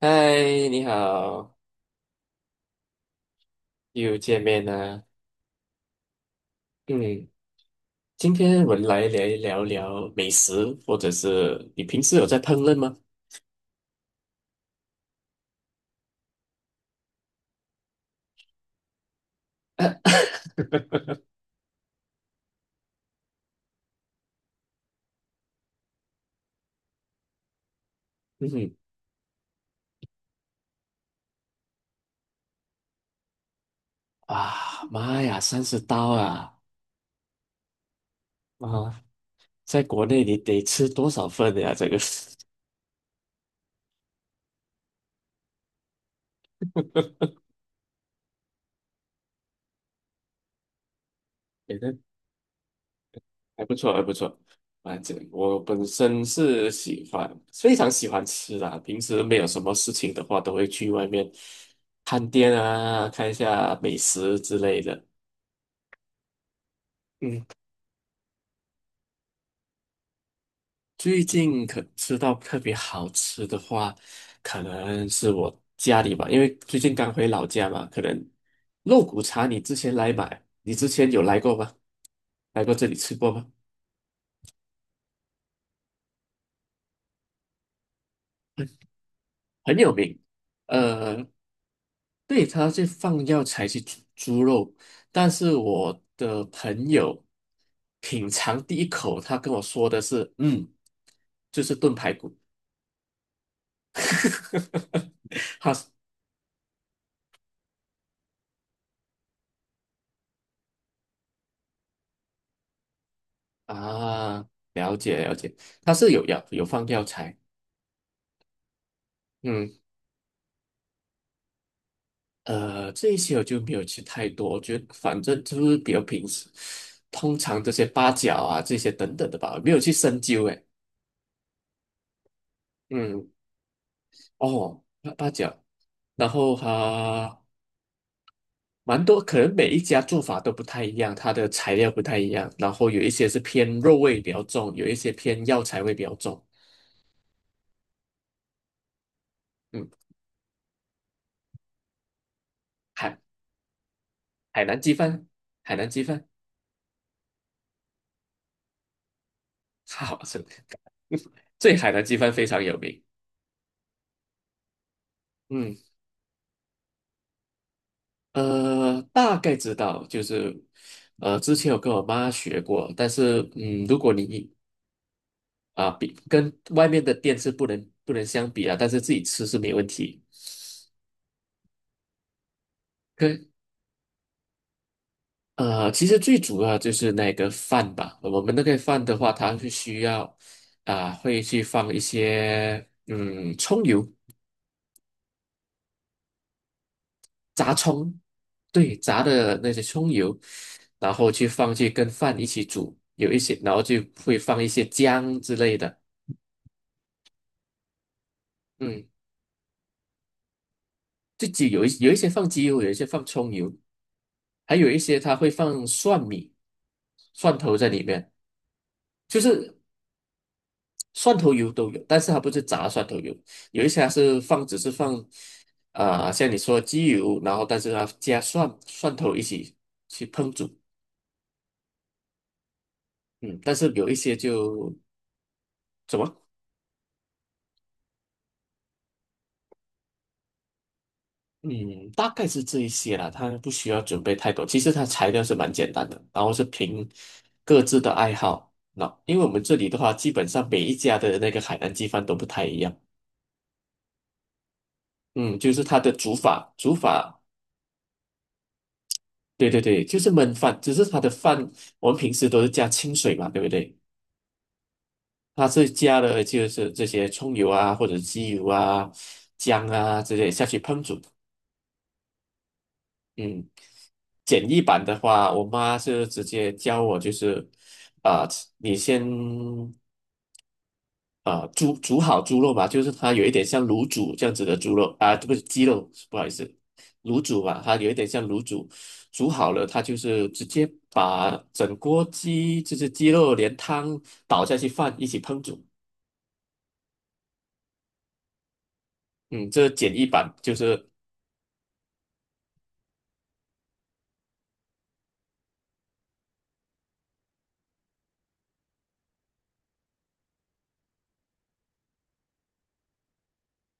嗨，你好，又见面了。嗯，今天我们来聊聊美食，或者是你平时有在烹饪吗？嗯哼。啊，妈呀，30刀啊！啊，在国内你得吃多少份呀？这个，诶得，还不错，还不错。反正我本身是喜欢，非常喜欢吃啦。平时没有什么事情的话，都会去外面探店啊，看一下美食之类的。嗯。最近可吃到特别好吃的话，可能是我家里吧，因为最近刚回老家嘛，可能肉骨茶你之前来买，你之前有来过吗？来过这里吃过吗？很有名。呃，对，它是放药材去煮猪肉，但是我的朋友品尝第一口，他跟我说的是，就是炖排骨，他啊，了解了解，它是有放药材。嗯，这一些我就没有吃太多，我觉得反正就是比较平时，通常这些八角啊这些等等的吧，没有去深究诶。嗯，哦，八角，然后哈、蛮多，可能每一家做法都不太一样，它的材料不太一样，然后有一些是偏肉味比较重，有一些偏药材味比较重。嗯，海海南鸡饭，海南鸡饭，好吃，这海南鸡饭非常有名。嗯，大概知道，之前有跟我妈学过，但是，嗯，如果你比跟外面的店是不能相比啊，但是自己吃是没问题。跟其实最主要就是那个饭吧，我们那个饭的话，它是需要会去放一些葱油，炸葱，对，炸的那些葱油，然后去跟饭一起煮，有一些，然后就会放一些姜之类的。嗯，自己有一些放鸡油，有一些放葱油，还有一些它会放蒜米、蒜头在里面，就是蒜头油都有，但是它不是炸蒜头油，有一些它是放只是放像你说鸡油，然后但是它加蒜头一起去烹煮。嗯，但是有一些就怎么？嗯，大概是这一些啦，它不需要准备太多。其实它材料是蛮简单的，然后是凭各自的爱好。那因为我们这里的话，基本上每一家的那个海南鸡饭都不太一样。嗯，就是它的煮法，对对对，就是焖饭，只是它的饭我们平时都是加清水嘛，对不对？它是加了就是这些葱油啊，或者鸡油啊、姜啊之类下去烹煮。嗯。简易版的话，我妈是直接教我，就是啊、你先煮好猪肉嘛，就是它有一点像卤煮这样子的猪肉啊，不是鸡肉，不好意思，卤煮嘛，它有一点像卤煮，煮好了，它就是直接把整锅鸡，就是鸡肉连汤倒下去饭一起烹煮。嗯，这简易版就是，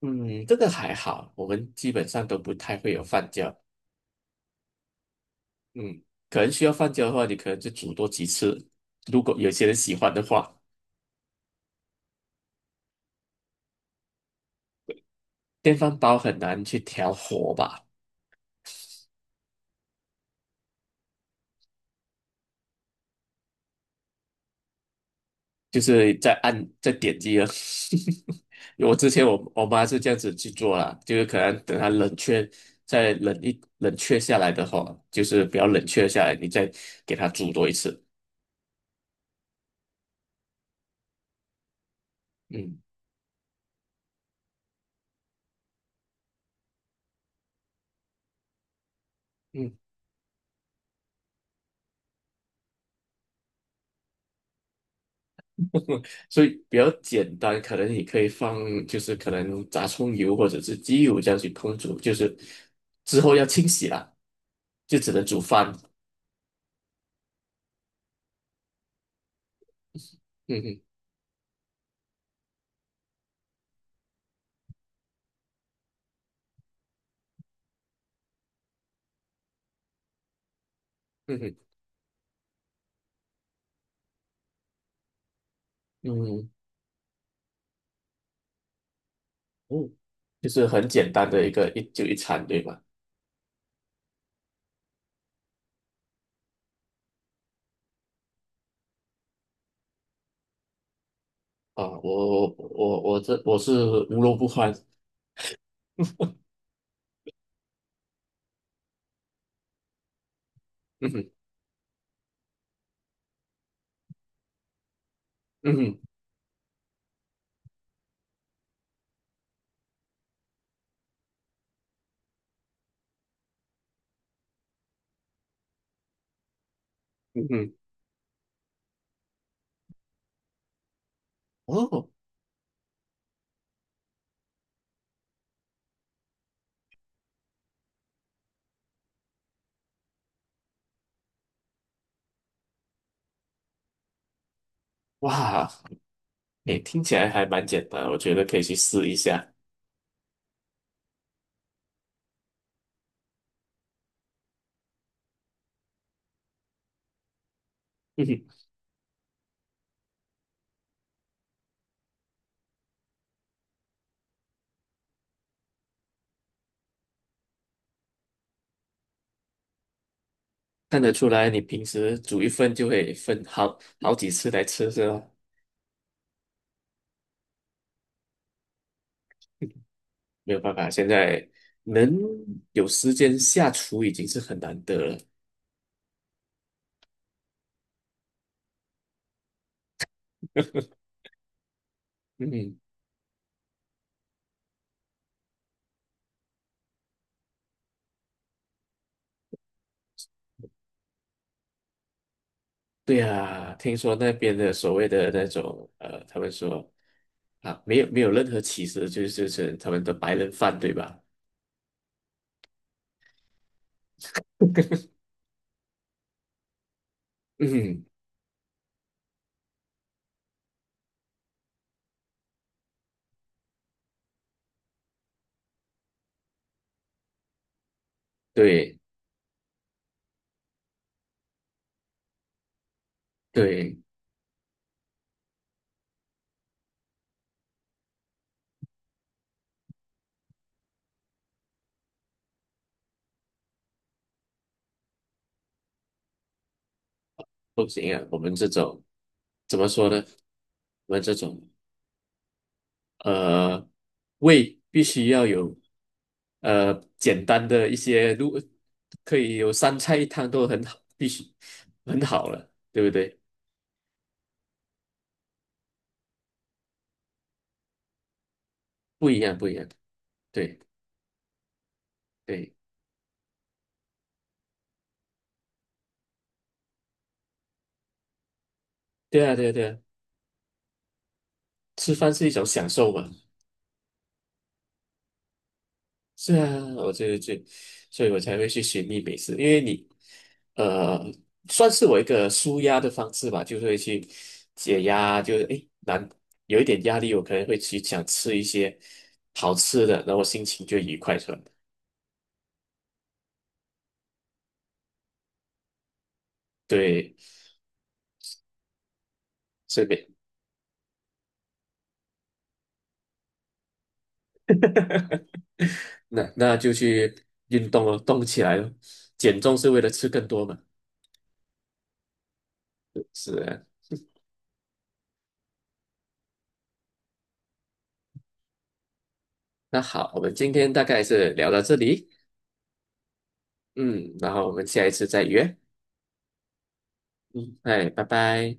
嗯，这个还好，我们基本上都不太会有饭焦。嗯，可能需要放久的话，你可能就煮多几次。如果有些人喜欢的话，电饭煲很难去调火吧，就是在按在点击了。我之前我妈是这样子去做啦，就是可能等它冷却，再冷却下来的话，就是比较冷却下来，你再给它煮多一次。嗯嗯。所以比较简单，可能你可以放，就是可能炸葱油或者是鸡油这样去烹煮，就是之后要清洗啦，就只能煮饭。嗯哼，嗯哼，嗯嗯，就是很简单的一个一餐，对吧？啊，我是无肉不欢。嗯哼，嗯哼，嗯哼，哦，哇，诶，听起来还蛮简单，我觉得可以去试一下。嗯哼，看得出来你平时煮一份就会分好好几次来吃，是吧？没有办法，现在能有时间下厨已经是很难得了。嗯，对呀，听说那边的所谓的那种他们说啊，没有没有任何歧视，就是他们的白人饭，对吧？嗯，对对，不行啊，我们这种怎么说呢？我们这种。呃，胃必须要有简单的一些，如果可以有三菜一汤都很好，必须很好了，对不对？不一样，不一样，对对对啊，对啊，对啊，吃饭是一种享受嘛。是啊，我所以我才会去寻觅美食，因为你，呃，算是我一个舒压的方式吧，就是会去解压，就是诶，难有一点压力，我可能会去想吃一些好吃的，然后心情就愉快出来。对，所以每那那就去运动哦，动起来咯，减重是为了吃更多嘛。是啊，那好，我们今天大概是聊到这里，嗯，然后我们下一次再约，嗯，哎，拜拜。